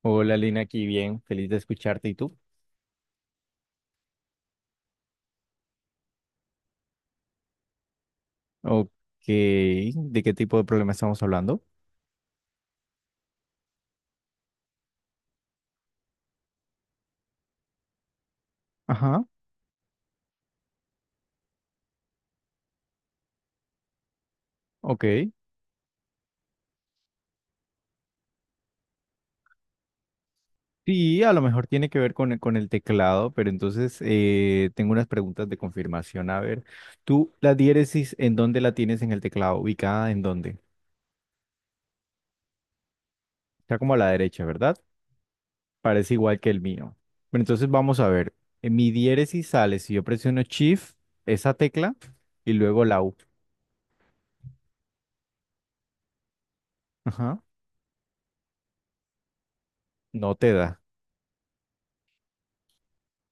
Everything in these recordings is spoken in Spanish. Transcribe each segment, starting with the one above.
Hola Lina, aquí bien, feliz de escucharte. ¿Y tú? Ok, ¿de qué tipo de problema estamos hablando? Ajá, ok. Sí, a lo mejor tiene que ver con el teclado, pero entonces tengo unas preguntas de confirmación. A ver, ¿tú la diéresis en dónde la tienes en el teclado? ¿Ubicada en dónde? Está como a la derecha, ¿verdad? Parece igual que el mío. Pero entonces vamos a ver. En mi diéresis sale si yo presiono Shift, esa tecla, y luego la U. Ajá, no te da.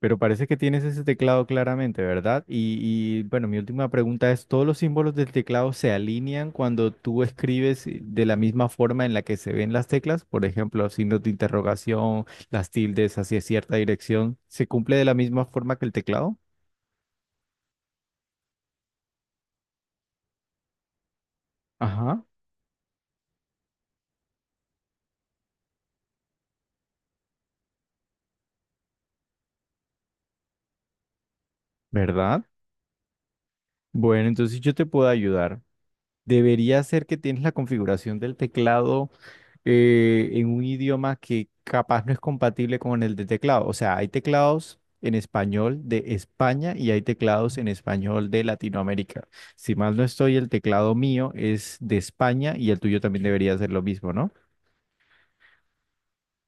Pero parece que tienes ese teclado claramente, ¿verdad? Bueno, mi última pregunta es, ¿todos los símbolos del teclado se alinean cuando tú escribes de la misma forma en la que se ven las teclas? Por ejemplo, signos de interrogación, las tildes hacia cierta dirección, ¿se cumple de la misma forma que el teclado? Ajá. ¿Verdad? Bueno, entonces yo te puedo ayudar. Debería ser que tienes la configuración del teclado en un idioma que capaz no es compatible con el de teclado. O sea, hay teclados en español de España y hay teclados en español de Latinoamérica. Si mal no estoy, el teclado mío es de España y el tuyo también debería ser lo mismo, ¿no?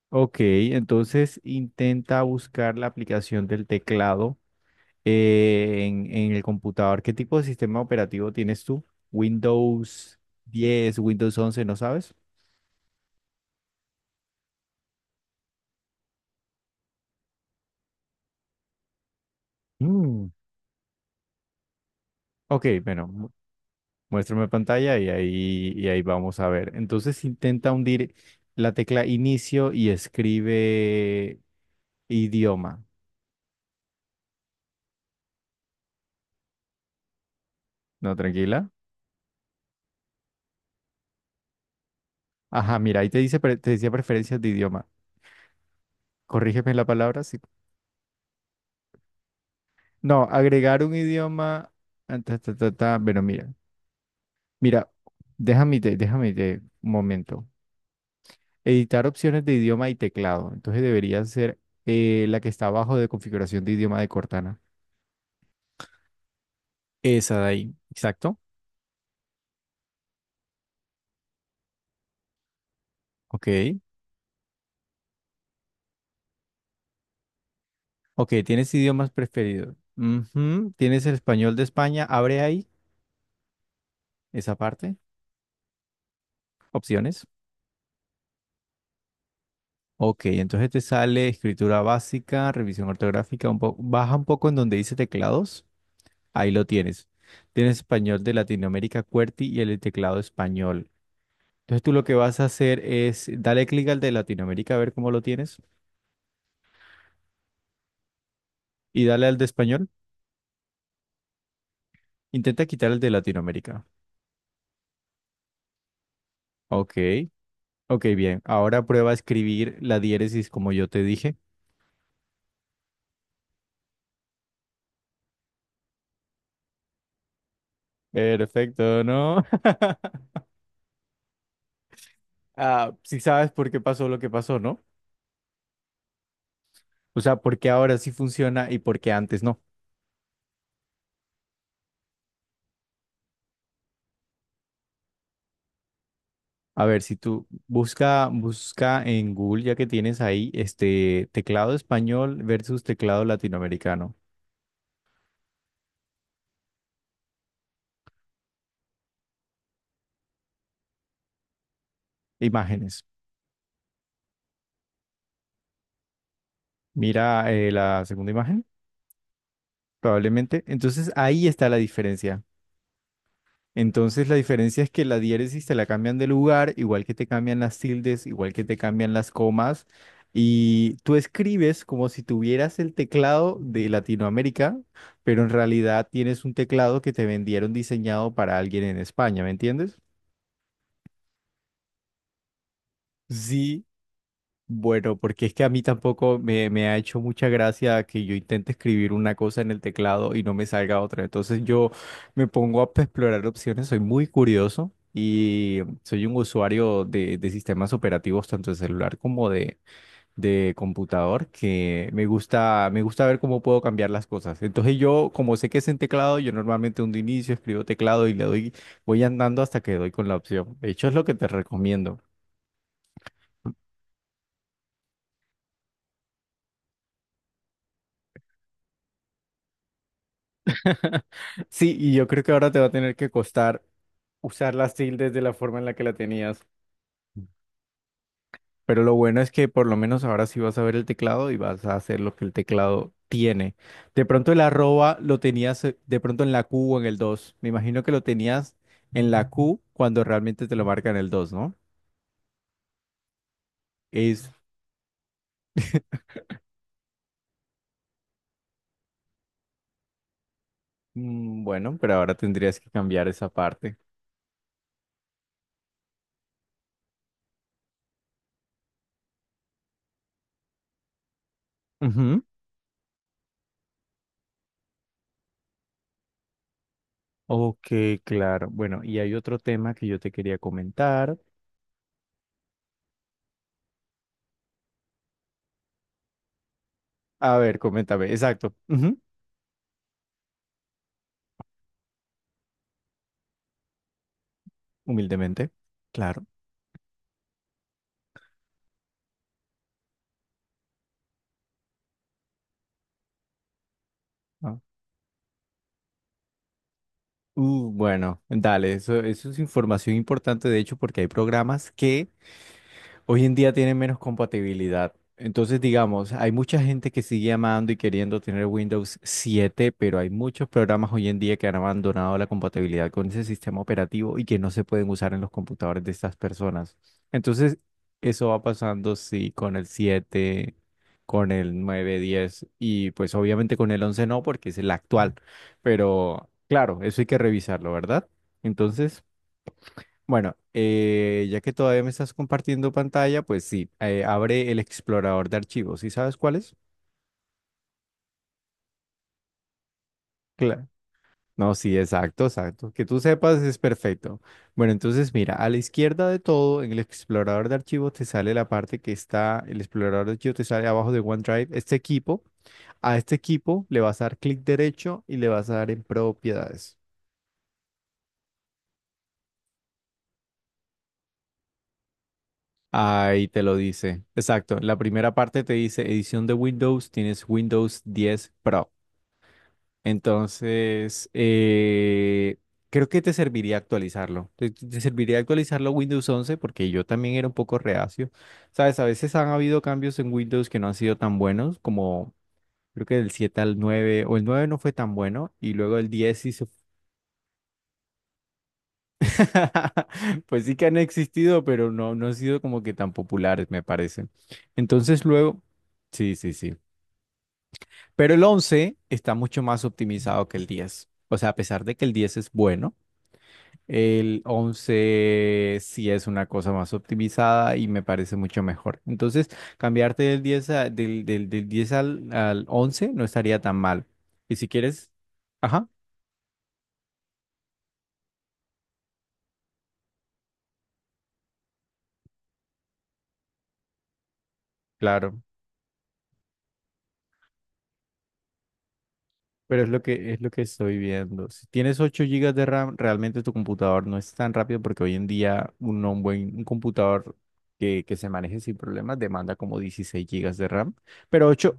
Ok, entonces intenta buscar la aplicación del teclado en el computador. ¿Qué tipo de sistema operativo tienes tú? Windows 10, Windows 11, ¿no sabes? Mm, ok, bueno, muéstrame pantalla y ahí vamos a ver. Entonces intenta hundir la tecla inicio y escribe idioma. No, tranquila. Ajá, mira, ahí te te decía preferencias de idioma. Corrígeme la palabra. Sí. No, agregar un idioma. Ah, ta, ta, ta, ta. Bueno, mira. Mira, déjame un momento. Editar opciones de idioma y teclado. Entonces debería ser la que está abajo de configuración de idioma de Cortana. Esa de ahí. Exacto. Ok. Ok, tienes idiomas preferidos. Ujú, tienes el español de España. Abre ahí esa parte. Opciones. Ok, entonces te sale escritura básica, revisión ortográfica, un baja un poco en donde dice teclados. Ahí lo tienes. Tienes español de Latinoamérica, QWERTY y el teclado español. Entonces tú lo que vas a hacer es dale clic al de Latinoamérica a ver cómo lo tienes y dale al de español. Intenta quitar el de Latinoamérica. Ok, ok, bien. Ahora prueba a escribir la diéresis como yo te dije. Perfecto, ¿no? Ah, sí sabes por qué pasó lo que pasó, ¿no? O sea, por qué ahora sí funciona y por qué antes no. A ver, si tú busca en Google, ya que tienes ahí este teclado español versus teclado latinoamericano. Imágenes. Mira la segunda imagen, probablemente. Entonces ahí está la diferencia. Entonces la diferencia es que la diéresis te la cambian de lugar, igual que te cambian las tildes, igual que te cambian las comas, y tú escribes como si tuvieras el teclado de Latinoamérica, pero en realidad tienes un teclado que te vendieron diseñado para alguien en España, ¿me entiendes? Sí, bueno, porque es que a mí tampoco me ha hecho mucha gracia que yo intente escribir una cosa en el teclado y no me salga otra. Entonces yo me pongo a explorar opciones, soy muy curioso y soy un usuario de sistemas operativos, tanto de celular como de computador, que me gusta ver cómo puedo cambiar las cosas. Entonces yo, como sé que es en teclado, yo normalmente un inicio escribo teclado y le doy, voy andando hasta que doy con la opción. De hecho, es lo que te recomiendo. Sí, y yo creo que ahora te va a tener que costar usar las tildes de la forma en la que la tenías. Pero lo bueno es que por lo menos ahora sí vas a ver el teclado y vas a hacer lo que el teclado tiene. De pronto el arroba lo tenías de pronto en la Q o en el dos. Me imagino que lo tenías en la Q cuando realmente te lo marca en el 2, ¿no? Es mm, bueno, pero ahora tendrías que cambiar esa parte. Ujú. Ok, claro. Bueno, y hay otro tema que yo te quería comentar. A ver, coméntame. Exacto. Ujú. Humildemente. Claro. Bueno, dale, eso es información importante, de hecho, porque hay programas que hoy en día tienen menos compatibilidad. Entonces, digamos, hay mucha gente que sigue amando y queriendo tener Windows 7, pero hay muchos programas hoy en día que han abandonado la compatibilidad con ese sistema operativo y que no se pueden usar en los computadores de estas personas. Entonces, eso va pasando, sí, con el 7, con el 9, 10 y pues obviamente con el 11 no, porque es el actual. Pero claro, eso hay que revisarlo, ¿verdad? Entonces... Bueno, ya que todavía me estás compartiendo pantalla, pues sí, abre el explorador de archivos. ¿Sí sabes cuál es? Claro. No, sí, exacto, exacto. Que tú sepas es perfecto. Bueno, entonces mira, a la izquierda de todo, en el explorador de archivos te sale la parte que está, el explorador de archivos te sale abajo de OneDrive, este equipo. A este equipo le vas a dar clic derecho y le vas a dar en propiedades. Ahí te lo dice. Exacto. La primera parte te dice edición de Windows, tienes Windows 10 Pro. Entonces, creo que te serviría actualizarlo. Te serviría actualizarlo Windows 11 porque yo también era un poco reacio. Sabes, a veces han habido cambios en Windows que no han sido tan buenos, como creo que del 7 al 9 o el 9 no fue tan bueno, y luego el 10 sí se... Pues sí que han existido, pero no, no han sido como que tan populares, me parece. Entonces, luego... Sí, sí, sí. Pero el 11 está mucho más optimizado que el diez. O sea, a pesar de que el 10 es bueno. El 11 sí es una cosa más optimizada y me parece mucho mejor. Entonces, cambiarte del 10 a- del, del, del 10 al, al 11 no estaría tan mal. Y si quieres, ajá, claro. Pero es es lo que estoy viendo. Si tienes 8 gigas de RAM, realmente tu computador no es tan rápido porque hoy en día un buen un computador que se maneje sin problemas demanda como 16 gigas de RAM, pero ocho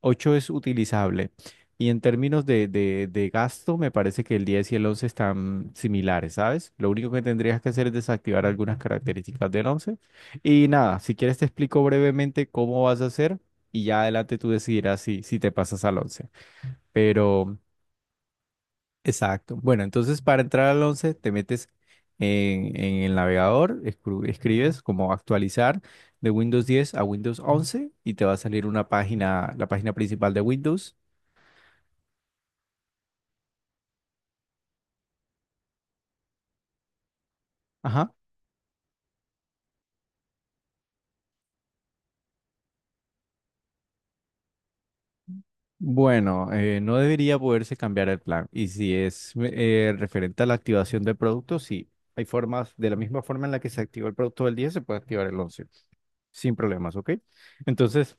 ocho es utilizable. Y en términos de gasto, me parece que el 10 y el 11 están similares, ¿sabes? Lo único que tendrías que hacer es desactivar algunas características del once. Y nada, si quieres te explico brevemente cómo vas a hacer y ya adelante tú decidirás si te pasas al once. Pero exacto. Bueno, entonces para entrar al 11 te metes en el navegador, escribes como actualizar de Windows 10 a Windows 11 y te va a salir una página, la página principal de Windows. Ajá. Bueno, no debería poderse cambiar el plan. Y si es referente a la activación del producto, sí. Hay formas, de la misma forma en la que se activó el producto del 10 se puede activar el 11 sin problemas, ¿ok? Entonces,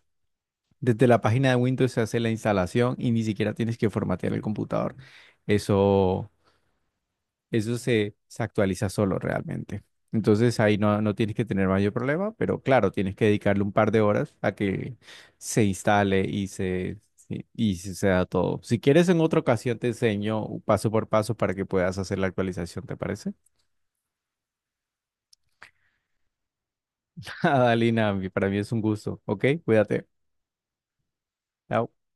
desde la página de Windows se hace la instalación y ni siquiera tienes que formatear el computador. Eso, se actualiza solo realmente. Entonces ahí no, no tienes que tener mayor problema, pero claro, tienes que dedicarle un par de horas a que se instale y se da todo. Si quieres, en otra ocasión te enseño paso por paso para que puedas hacer la actualización, ¿te parece? Adalina, para mí es un gusto. Ok, cuídate. Chao.